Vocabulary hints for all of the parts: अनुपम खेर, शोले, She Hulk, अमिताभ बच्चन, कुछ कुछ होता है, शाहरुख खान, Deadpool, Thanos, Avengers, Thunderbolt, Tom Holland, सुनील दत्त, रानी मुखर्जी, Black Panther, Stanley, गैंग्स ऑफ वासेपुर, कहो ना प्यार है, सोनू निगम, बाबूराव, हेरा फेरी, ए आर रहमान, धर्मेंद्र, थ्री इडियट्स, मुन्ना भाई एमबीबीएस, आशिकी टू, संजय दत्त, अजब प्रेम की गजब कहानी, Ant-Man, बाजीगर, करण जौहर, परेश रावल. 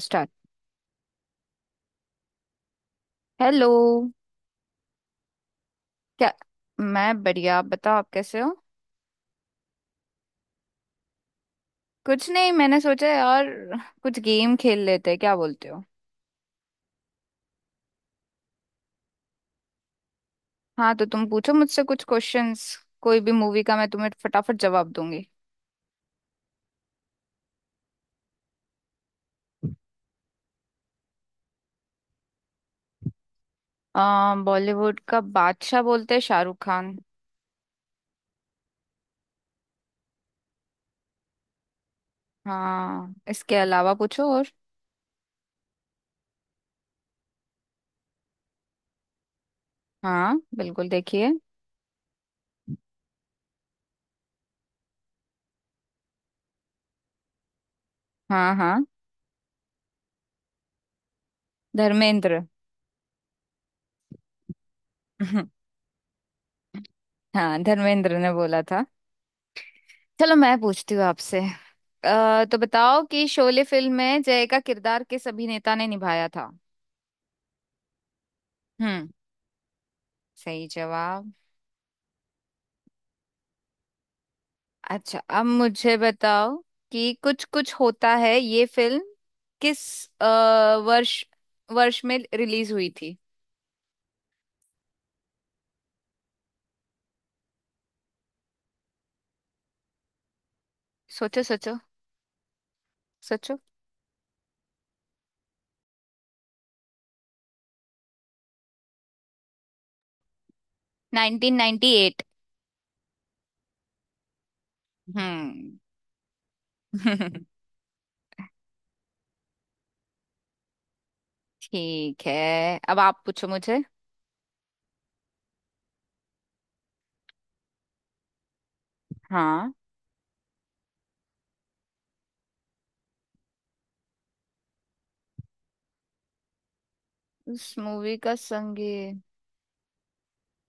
Start. Hello. क्या? मैं बढ़िया, आप बताओ, आप कैसे हो? कुछ नहीं, मैंने सोचा यार कुछ गेम खेल लेते हैं, क्या बोलते हो? हाँ, तो तुम पूछो मुझसे कुछ क्वेश्चंस, कोई भी मूवी का, मैं तुम्हें फटाफट जवाब दूंगी। बॉलीवुड का बादशाह बोलते हैं शाहरुख खान। हाँ, इसके अलावा पूछो और। हाँ बिल्कुल, देखिए। हाँ हाँ, धर्मेंद्र। हाँ, धर्मेंद्र ने बोला था। चलो मैं पूछती हूँ आपसे। तो बताओ कि शोले फिल्म में जय का किरदार किस अभिनेता ने निभाया था? हम्म। सही जवाब। अच्छा, अब मुझे बताओ कि कुछ कुछ होता है ये फिल्म किस अ, वर्ष वर्ष में रिलीज हुई थी? सोचो सोचो, सोचो। 1998। हम्म। ठीक है, अब आप पूछो मुझे। हाँ। उस मूवी का संगीत,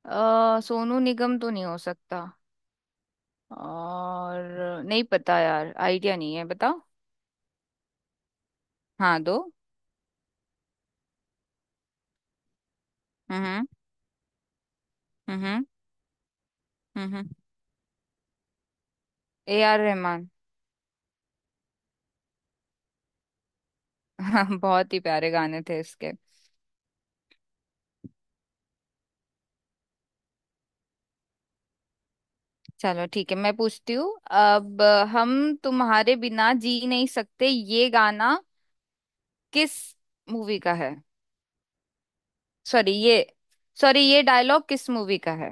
सोनू निगम तो नहीं हो सकता। और नहीं पता यार, आइडिया नहीं है, बताओ। हाँ, दो। हम्म, हम्म, हम्म, ए आर रहमान। हाँ, बहुत ही प्यारे गाने थे इसके। चलो ठीक है, मैं पूछती हूँ अब। हम तुम्हारे बिना जी नहीं सकते, ये गाना किस मूवी का है? सॉरी ये सॉरी, ये डायलॉग किस मूवी का है?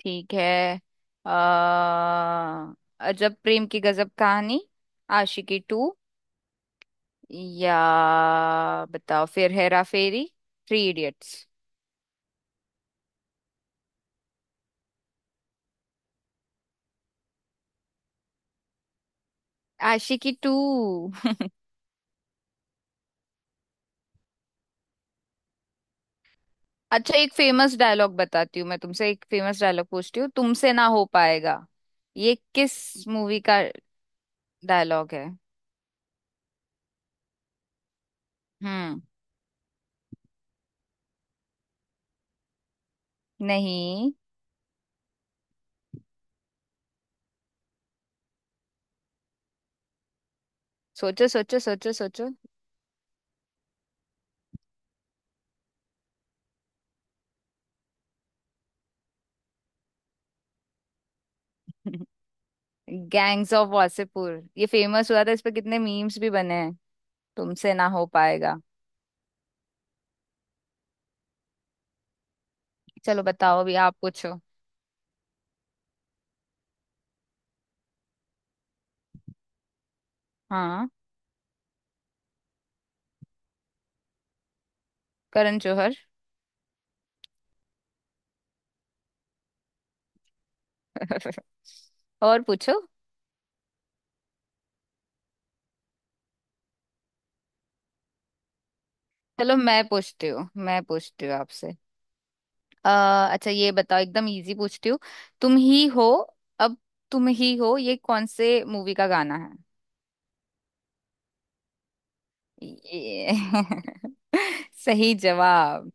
ठीक है। अ अजब प्रेम की गजब कहानी, आशिकी टू, या बताओ फिर, हेरा फेरी, थ्री इडियट्स। आशिकी टू। अच्छा, एक फेमस डायलॉग बताती हूँ मैं तुमसे, एक फेमस डायलॉग पूछती हूँ तुमसे, ना हो पाएगा, ये किस मूवी का डायलॉग है? हम्म। नहीं। सोचो सोचो सोचो सोचो। गैंग्स ऑफ वासेपुर। ये फेमस हुआ था, इस पे कितने मीम्स भी बने हैं, तुमसे ना हो पाएगा। चलो बताओ, अभी आप पूछो। हाँ, करण जौहर। और पूछो। चलो, मैं पूछती हूँ आपसे। अ, अच्छा, ये बताओ, एकदम इजी पूछती हूँ। तुम ही हो। अब, तुम ही हो, ये कौन से मूवी का गाना है? ये। सही जवाब।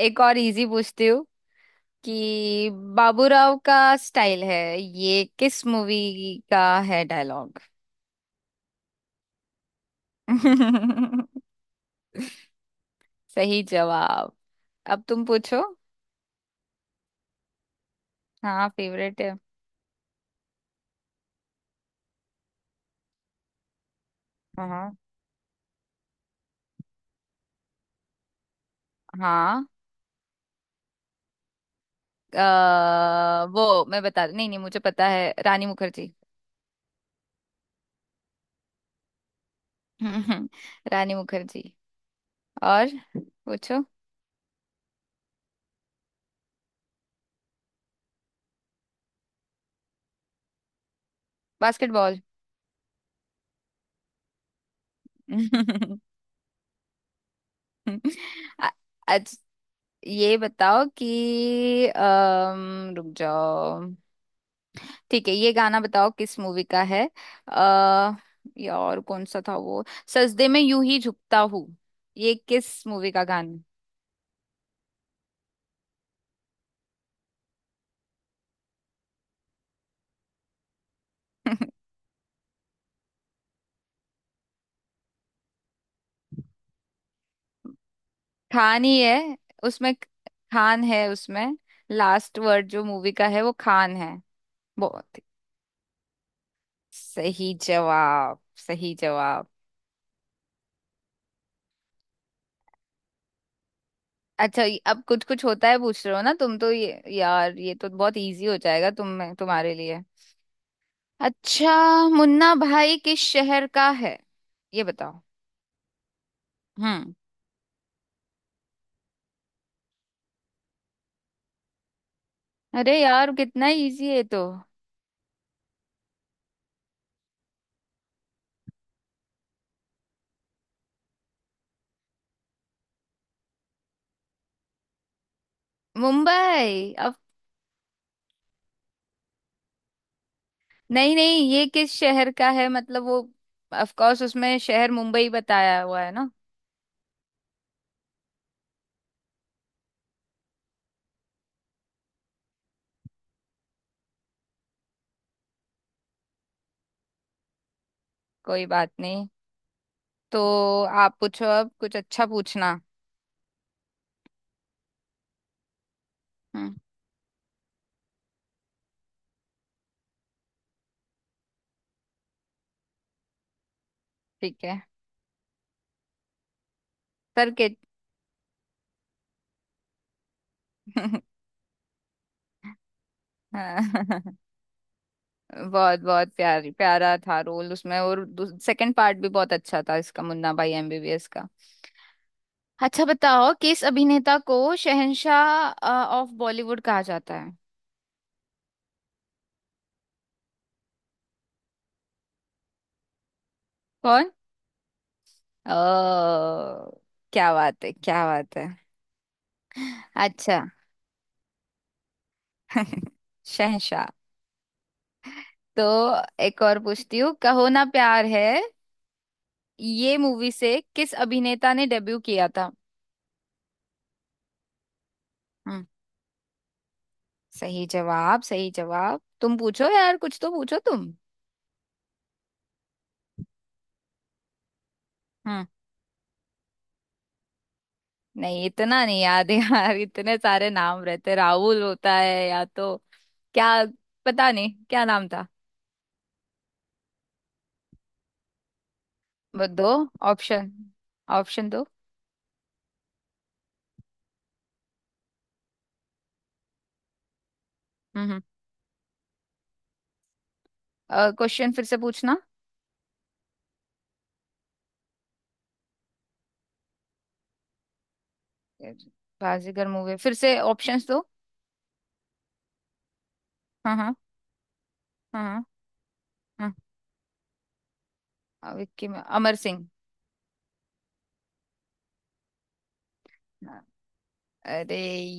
एक और इजी पूछती हूँ, कि बाबूराव का स्टाइल है, ये किस मूवी का है डायलॉग? सही जवाब। अब तुम पूछो। हाँ, फेवरेट है। हाँ, हाँ। वो मैं बता नहीं, नहीं, मुझे पता है, रानी मुखर्जी। रानी मुखर्जी। और पूछो। बास्केटबॉल। आज ये बताओ कि रुक जाओ, ठीक है, ये गाना बताओ किस मूवी का है। आ, यार कौन सा था वो, सजदे में यूं ही झुकता हूँ, ये किस मूवी का गाना? खान ही है उसमें। खान है उसमें, लास्ट वर्ड जो मूवी का है वो खान है। बहुत ही सही जवाब, सही जवाब। अच्छा, अब कुछ कुछ होता है पूछ रहे हो ना तुम, तो ये यार, ये तो बहुत इजी हो जाएगा तुम्हारे लिए। अच्छा, मुन्ना भाई किस शहर का है, ये बताओ। हम्म। अरे यार, कितना इजी है ये तो। मुंबई। अब, नहीं नहीं, ये किस शहर का है मतलब वो, ऑफ कोर्स उसमें शहर मुंबई बताया हुआ है ना। कोई बात नहीं, तो आप पूछो अब, कुछ अच्छा पूछना। हम्म, ठीक है, सर के। बहुत बहुत प्यारी प्यारा था रोल उसमें, और सेकंड पार्ट भी बहुत अच्छा था इसका, मुन्ना भाई एमबीबीएस का। अच्छा बताओ, किस अभिनेता को शहंशाह ऑफ बॉलीवुड कहा जाता है? कौन? ओ, क्या बात है, क्या बात है। अच्छा। शहंशाह। तो एक और पूछती हूँ, कहो ना प्यार है, ये मूवी से किस अभिनेता ने डेब्यू किया था? हम्म, सही जवाब, सही जवाब। तुम पूछो यार, कुछ तो पूछो तुम। हम्म, नहीं इतना नहीं याद है यार, इतने सारे नाम रहते, राहुल होता है या तो क्या, पता नहीं क्या नाम था। वो दो ऑप्शन, ऑप्शन दो। हम्म। क्वेश्चन फिर से पूछना। बाजीगर मूवी, फिर से ऑप्शंस दो। हाँ हाँ। हाँ हाँ। हाँ। विक्की, में अमर सिंह। अरे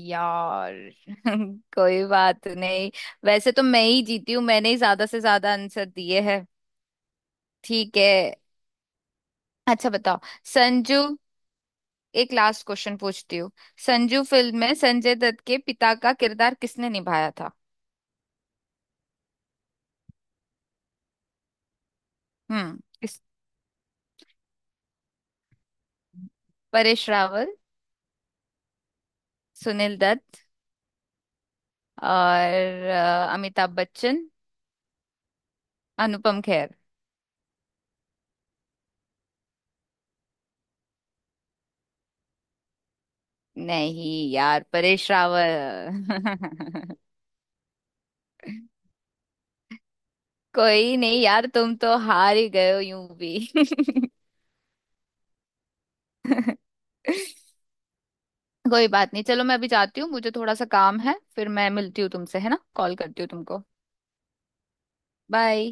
यार, कोई बात नहीं। वैसे तो मैं ही जीती हूँ, मैंने ही ज्यादा से ज्यादा आंसर दिए हैं। ठीक है, अच्छा बताओ, संजू। एक लास्ट क्वेश्चन पूछती हूँ, संजू फिल्म में संजय दत्त के पिता का किरदार किसने निभाया था? हम्म, किस? परेश रावल, सुनील दत्त, और अमिताभ बच्चन, अनुपम खेर। नहीं यार, परेश रावल। कोई नहीं यार, तुम तो हार ही गए हो यूं भी। कोई बात नहीं, चलो मैं अभी जाती हूँ, मुझे थोड़ा सा काम है, फिर मैं मिलती हूँ तुमसे, है ना, कॉल करती हूँ तुमको। बाय।